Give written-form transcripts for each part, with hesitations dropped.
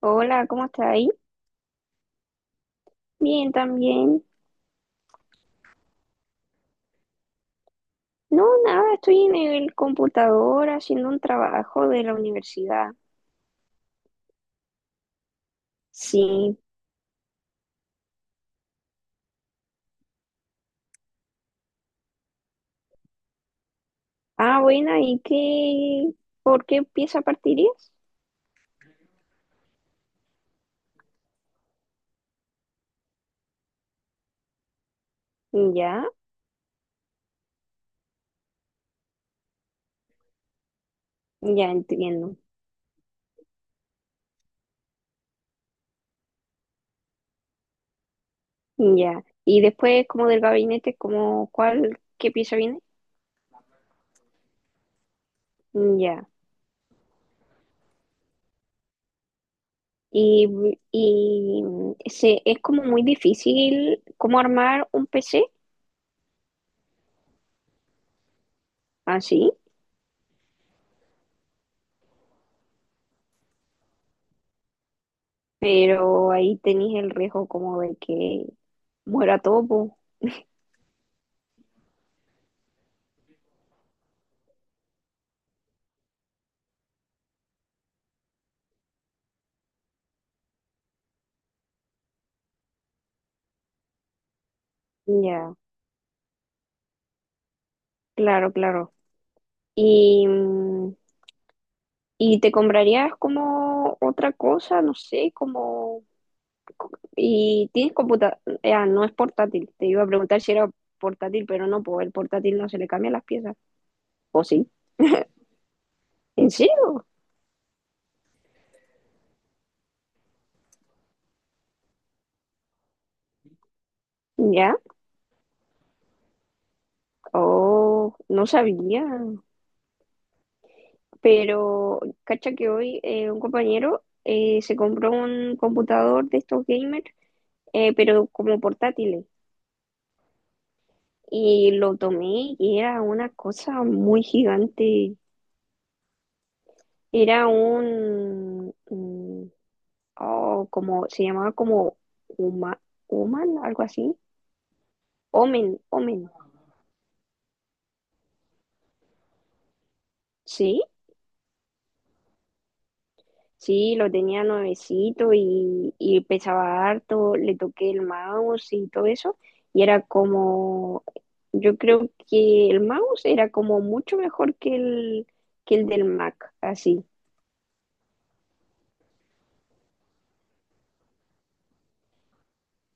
Hola, ¿cómo estás ahí? Bien, también. No, nada, estoy en el computador haciendo un trabajo de la universidad. Sí. Ah, bueno, ¿y qué? ¿Por qué pieza partirías? Ya, ya entiendo. Ya. Y después, como del gabinete, como cuál, ¿qué pieza viene? Ya. Y, y es como muy difícil como armar un PC así, pero ahí tenéis el riesgo como de que muera todo, po. Ya, claro, claro. Y, mm, y te comprarías como otra cosa, no sé, como... Y tienes computadora, ah, no es portátil. Te iba a preguntar si era portátil, pero no, pues el portátil no se le cambian las piezas. ¿O sí? ¿En serio? Ya. Oh, no sabía. Pero cacha que hoy un compañero se compró un computador de estos gamers, pero como portátil. Y lo tomé y era una cosa muy gigante. Era un, oh, como, se llamaba como Uma, Uman, algo así. Omen, Omen. Sí, sí, lo tenía nuevecito y pesaba harto. Le toqué el mouse y todo eso. Y era como, yo creo que el mouse era como mucho mejor que que el del Mac, así.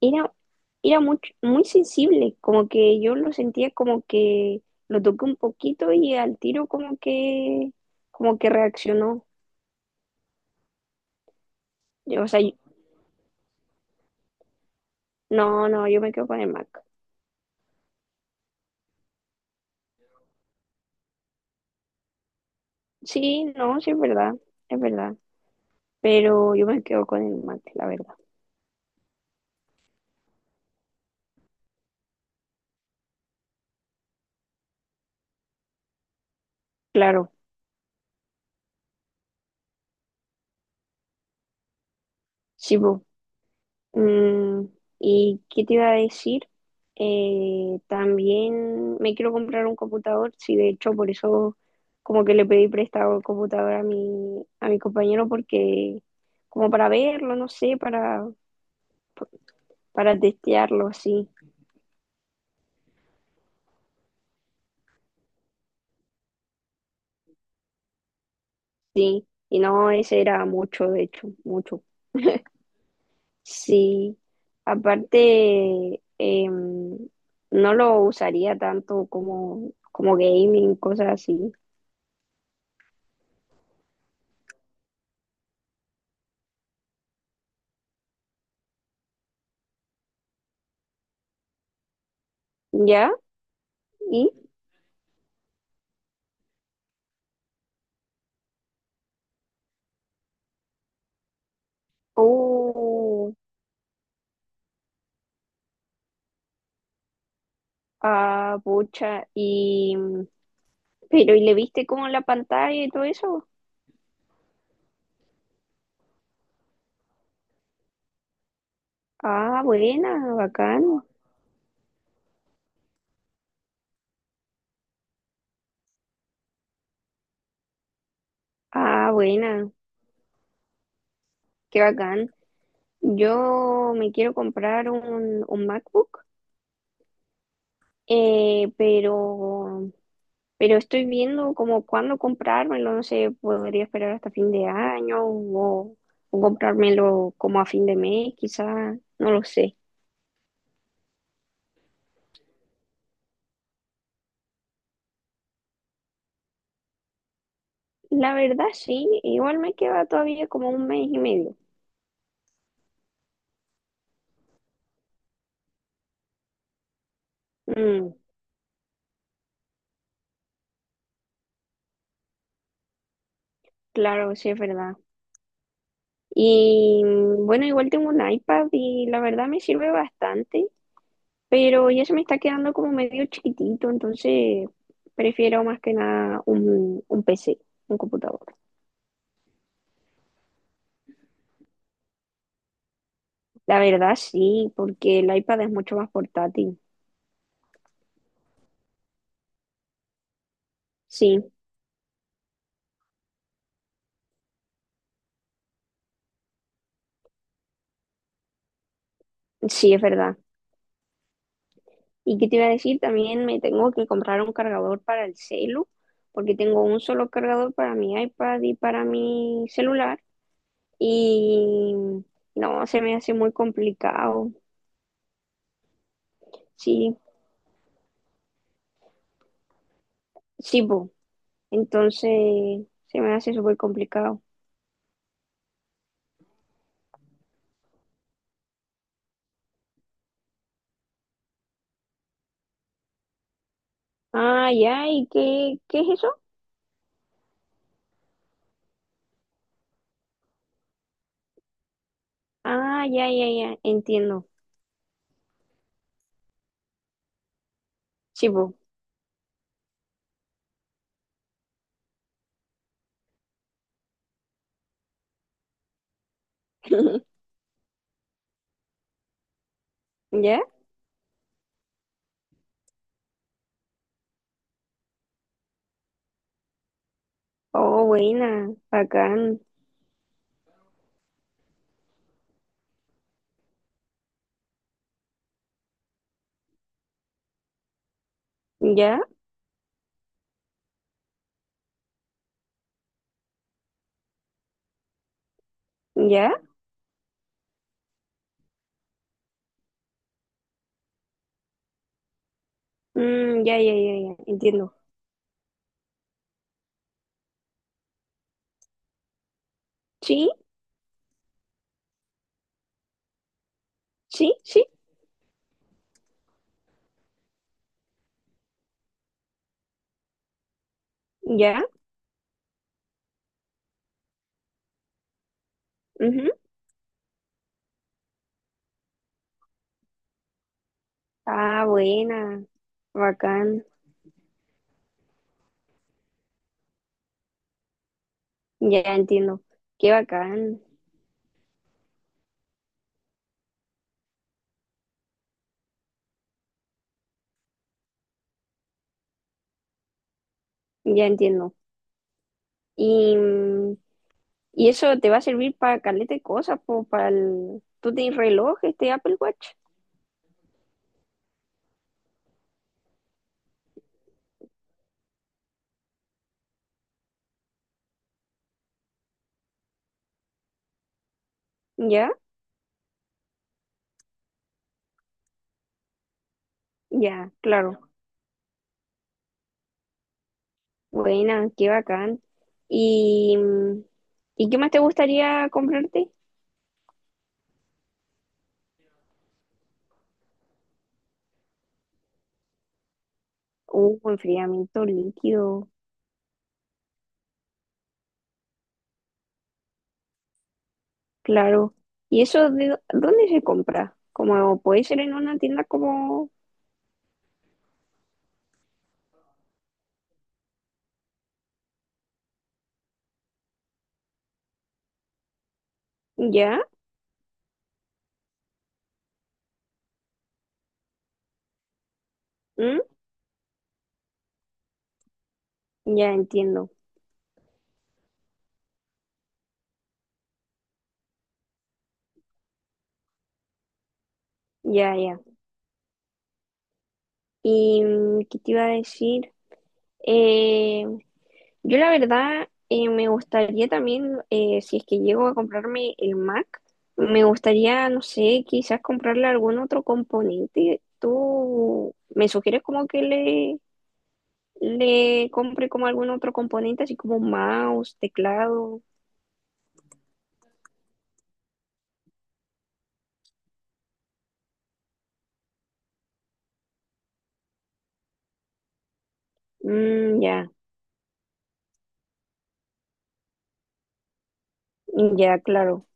era, Era mucho, muy sensible, como que yo lo sentía como que lo toqué un poquito y al tiro como que reaccionó. Yo, o sea, no, no, yo me quedo con el Mac. Sí, no, sí es verdad, pero yo me quedo con el Mac, la verdad. Claro, sí, po. Mm, ¿Y qué te iba a decir? También me quiero comprar un computador, sí, de hecho por eso como que le pedí prestado el computador a a mi compañero porque como para verlo, no sé, para testearlo, sí, sí. Y no, ese era mucho, de hecho, mucho. Sí, aparte, no lo usaría tanto como, como gaming, cosas así. ¿Ya? ¿Y? Oh, ah, pucha. Y, pero, ¿y le viste como la pantalla y todo eso? Ah, buena, bacán. Ah, buena, qué bacán. Yo me quiero comprar un MacBook, eh, pero, pero estoy viendo como cuándo comprármelo. No sé, podría esperar hasta fin de año o comprármelo como a fin de mes, quizás, no lo sé. La verdad sí, igual me queda todavía como un mes y medio. Mm. Claro, sí, es verdad. Bueno, igual tengo un iPad y la verdad me sirve bastante, pero ya se me está quedando como medio chiquitito, entonces prefiero más que nada un PC, un computador. La verdad sí, porque el iPad es mucho más portátil. Sí, sí, es verdad. ¿Y qué te iba a decir? También me tengo que comprar un cargador para el celu, porque tengo un solo cargador para mi iPad y para mi celular. Y no, se me hace muy complicado. Sí, sí, bu. Entonces se me hace súper complicado. Ah, ya, ¿qué es eso? Ah, ya, ya, entiendo. Sí, bu. ¿Ya? Oh, buena, bacán. ¿Ya? ¿Ya? Mm, ya, entiendo. Sí, sí, ya. Ujú. Ah, buena, bacán. Ya entiendo. Qué bacán, ya entiendo. ¿Y y eso te va a servir para caleta de cosas, po, para el... Tú tienes reloj, este Apple Watch, ¿ya? Ya, claro. Buena, qué bacán. ¿Y, mm, ¿Y qué más te gustaría comprarte? Enfriamiento líquido, claro. ¿Y eso de dónde se compra? Como puede ser en una tienda como... ¿Ya? ¿Mm? Ya entiendo. Ya, ya. ¿Qué te iba a decir? Eh, Yo la verdad me gustaría también, si es que llego a comprarme el Mac, me gustaría, no sé, quizás comprarle algún otro componente. ¿Tú me sugieres como que le compre como algún otro componente, así como mouse, teclado? Mm, ya, claro.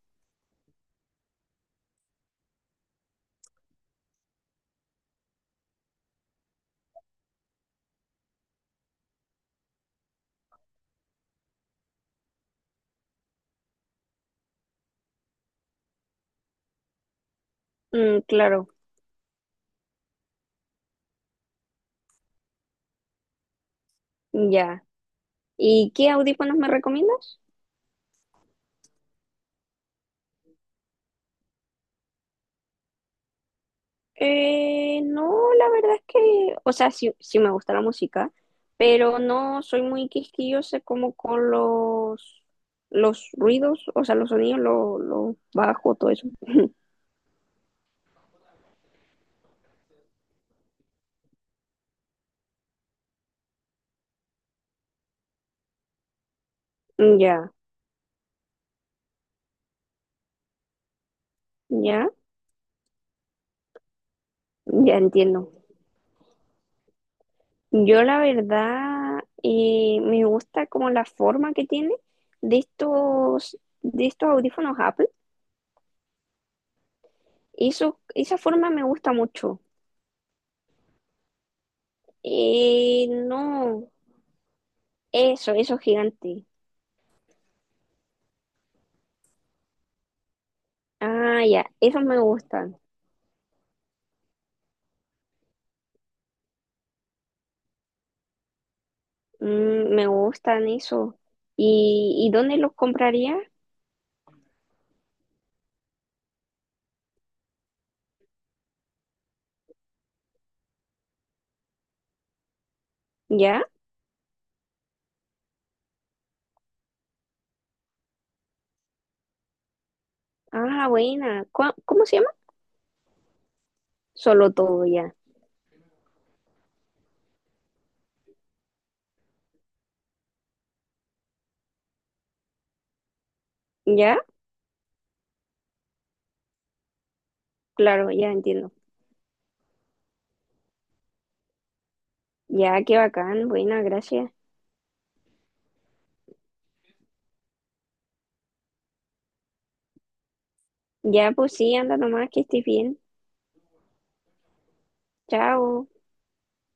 Mm, claro, ya. ¿Y qué audífonos me recomiendas? No, la verdad es que, o sea, sí me gusta la música, pero no soy muy quisquillosa como con los ruidos, o sea, los sonidos, los lo bajos, todo eso. Ya, ya, ya entiendo. Yo la verdad me gusta como la forma que tiene de estos audífonos Apple. Eso, esa forma me gusta mucho. No, eso, eso gigante. Ah, ya, esos me gustan. Mm, me gustan eso. Y dónde los compraría? ¿Ya? Ah, buena. ¿Cómo se llama? Solo todo, ya. ¿Ya? Claro, ya entiendo. Ya, qué bacán, buena, gracias. Ya, pues sí, anda nomás, que estés bien. Chao.